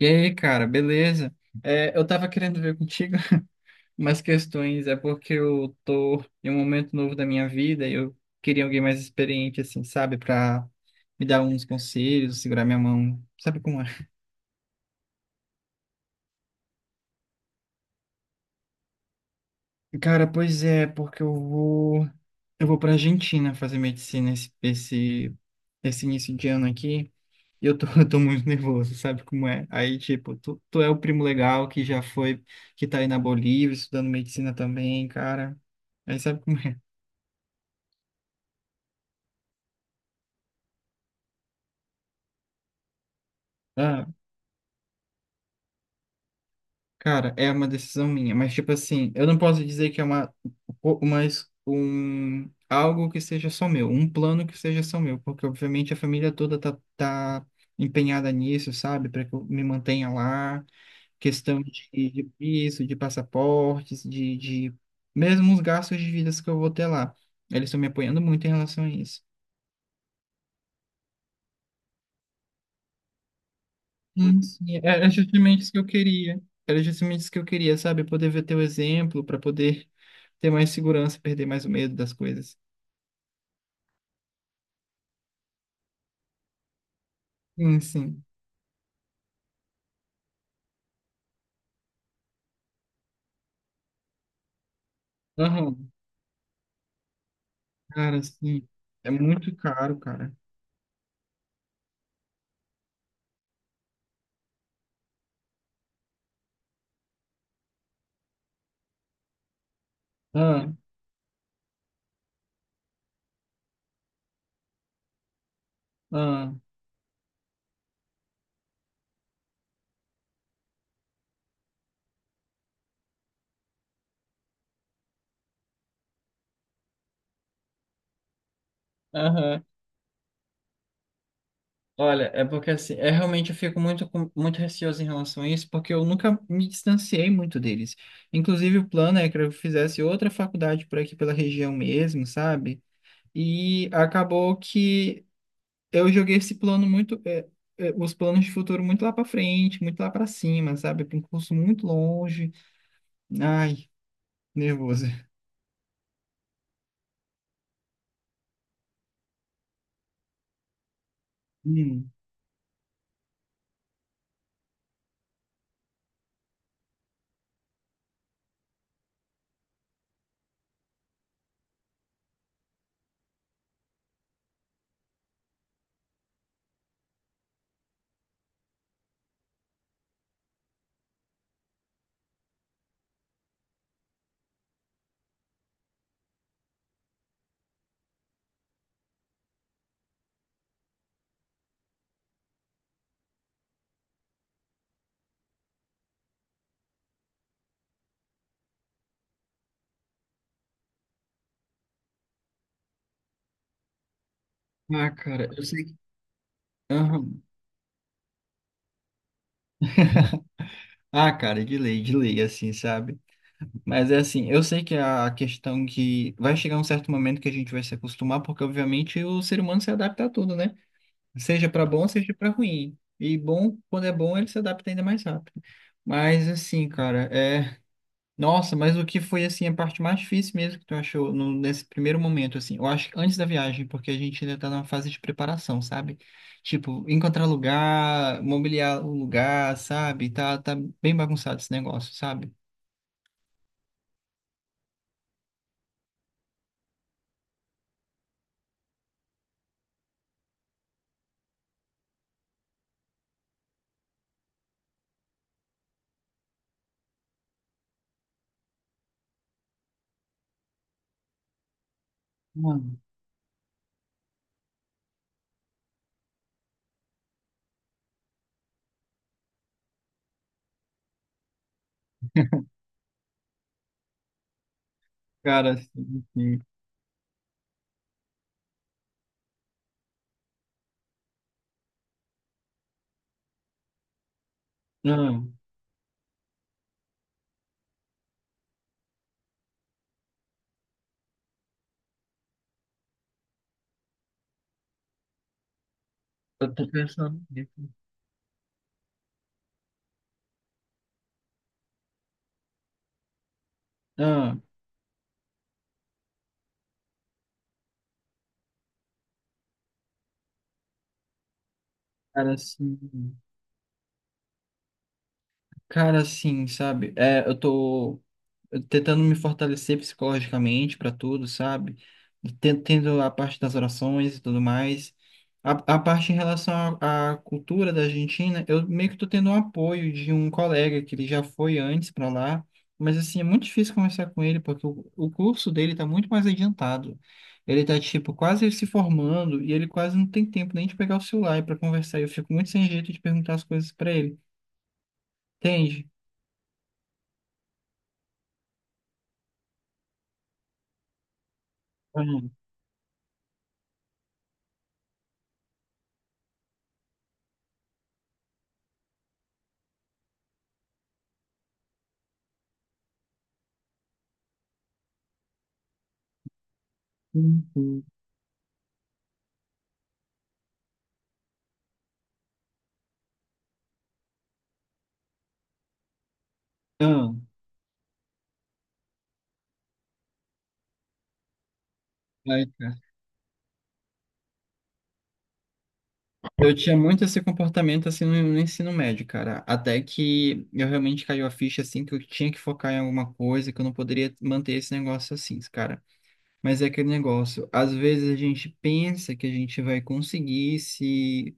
E aí, cara, beleza? Eu tava querendo ver contigo umas questões, é porque eu tô em um momento novo da minha vida e eu queria alguém mais experiente, assim, sabe, pra me dar uns conselhos, segurar minha mão, sabe como é? Cara, pois é, porque eu vou pra Argentina fazer medicina esse início de ano aqui e eu tô muito nervoso, sabe como é? Aí, tipo, tu é o primo legal que já foi, que tá aí na Bolívia estudando medicina também, cara, aí sabe como é? Ah, cara, é uma decisão minha, mas tipo assim, eu não posso dizer que é algo que seja só meu, um plano que seja só meu, porque obviamente a família toda tá empenhada nisso, sabe, para que eu me mantenha lá, questão de visto, de passaportes, de mesmo os gastos de vidas que eu vou ter lá. Eles estão me apoiando muito em relação a isso. Sim, era justamente isso que eu queria. Era justamente isso que eu queria, sabe? Poder ver teu exemplo, para poder ter mais segurança, perder mais o medo das coisas. Sim, sim. Aham, cara, sim. É muito caro, cara. Ah, ah, aham. Olha, é porque assim, é realmente eu fico muito, com- muito receoso em relação a isso, porque eu nunca me distanciei muito deles. Inclusive, o plano é que eu fizesse outra faculdade por aqui pela região mesmo, sabe? E acabou que eu joguei esse plano muito, os planos de futuro muito lá para frente, muito lá para cima, sabe? Para um curso muito longe. Ai. Nervoso. Hum. Ah, cara, eu sei que. Aham. Ah, cara, de lei, assim, sabe? Mas é assim, eu sei que a questão que vai chegar um certo momento que a gente vai se acostumar, porque obviamente o ser humano se adapta a tudo, né? Seja pra bom, seja pra ruim. E bom, quando é bom, ele se adapta ainda mais rápido. Mas assim, cara, é. Nossa, mas o que foi assim a parte mais difícil mesmo que tu achou no- nesse primeiro momento assim? Eu acho que antes da viagem, porque a gente ainda tá numa fase de preparação, sabe? Tipo, encontrar lugar, mobiliar o lugar, sabe? Tá bem bagunçado esse negócio, sabe? Mano, cara, assim, assim, não, eu tô pensando nisso. Ah, cara, assim, cara, assim, sabe? É, eu tô tentando me fortalecer psicologicamente para tudo, sabe? Ten- Tendo a parte das orações e tudo mais. A parte em relação à cultura da Argentina, eu meio que tô tendo um apoio de um colega que ele já foi antes para lá, mas assim, é muito difícil conversar com ele porque o curso dele tá muito mais adiantado. Ele tá, tipo, quase se formando e ele quase não tem tempo nem de pegar o celular para conversar. Eu fico muito sem jeito de perguntar as coisas para ele. Entende? Ah, sim, sim. Ah, vai, eu tinha muito esse comportamento assim no ensino médio, cara. Até que eu realmente caiu a ficha assim que eu tinha que focar em alguma coisa, que eu não poderia manter esse negócio assim, cara. Mas é aquele negócio, às vezes a gente pensa que a gente vai conseguir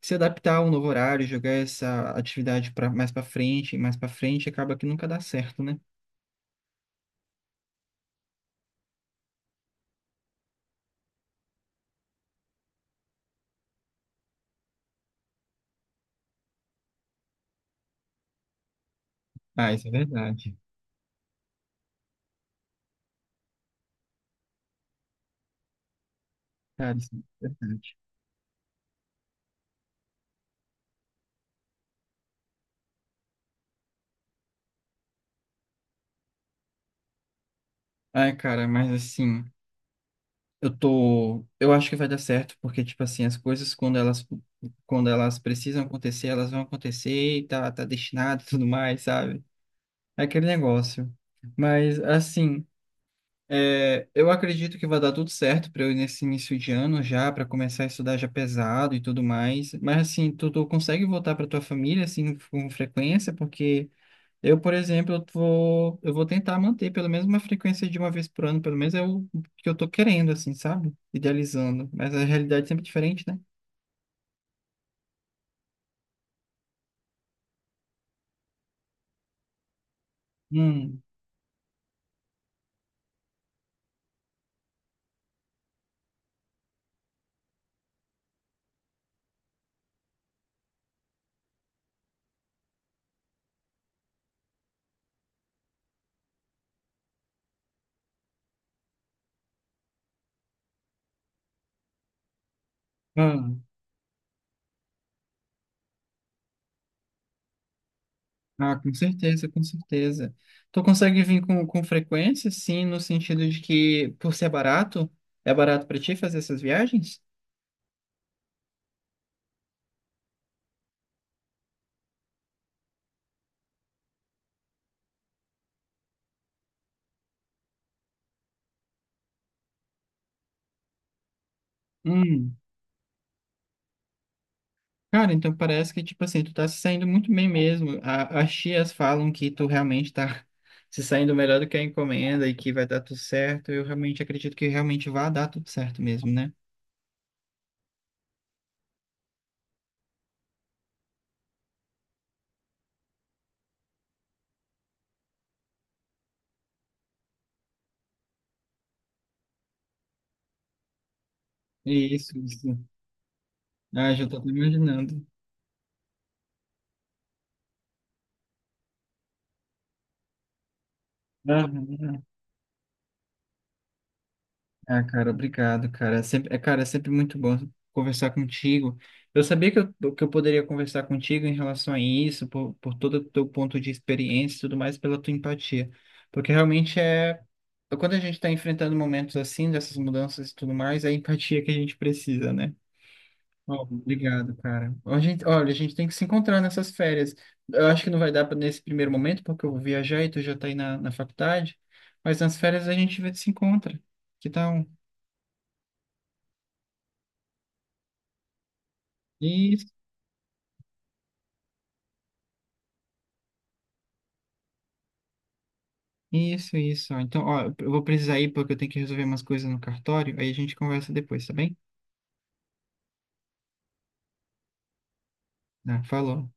se adaptar ao novo horário, jogar essa atividade para mais para frente, acaba que nunca dá certo, né? Ah, isso é verdade. Cara, isso é verdade. Ai, cara, mas assim, eu tô, eu acho que vai dar certo, porque tipo assim, as coisas quando elas precisam acontecer, elas vão acontecer e tá destinado e tudo mais, sabe? É aquele negócio. Mas assim, é, eu acredito que vai dar tudo certo para eu ir nesse início de ano já, para começar a estudar já pesado e tudo mais. Mas assim, tu consegue voltar para tua família assim com frequência, porque eu, por exemplo, eu vou tentar manter pelo menos uma frequência de uma vez por ano, pelo menos é o que eu tô querendo, assim, sabe? Idealizando. Mas a realidade é sempre diferente, né? Hum, ah, ah, com certeza, com certeza. Tu consegue vir com frequência, sim, no sentido de que, por ser barato, é barato pra ti fazer essas viagens? Hum. Cara, então parece que, tipo assim, tu tá se saindo muito bem mesmo. A- as tias falam que tu realmente tá se saindo melhor do que a encomenda e que vai dar tudo certo. Eu realmente acredito que realmente vai dar tudo certo mesmo, né? Isso, isso. Ah, já tô até imaginando. Aham. Ah, cara, obrigado, cara. É sempre, é, cara, é sempre muito bom conversar contigo. Eu sabia que eu poderia conversar contigo em relação a isso, por todo o teu ponto de experiência e tudo mais, pela tua empatia. Porque realmente é. Quando a gente está enfrentando momentos assim, dessas mudanças e tudo mais, é a empatia que a gente precisa, né? Ó, obrigado, cara. A gente, olha, a gente tem que se encontrar nessas férias. Eu acho que não vai dar pra- nesse primeiro momento, porque eu vou viajar e tu já tá aí na faculdade. Mas nas férias a gente vê- se encontra. Que tal? Isso, isso, isso. Então, ó, eu vou precisar ir porque eu tenho que resolver umas coisas no cartório. Aí a gente conversa depois, tá bem? Ah, falou.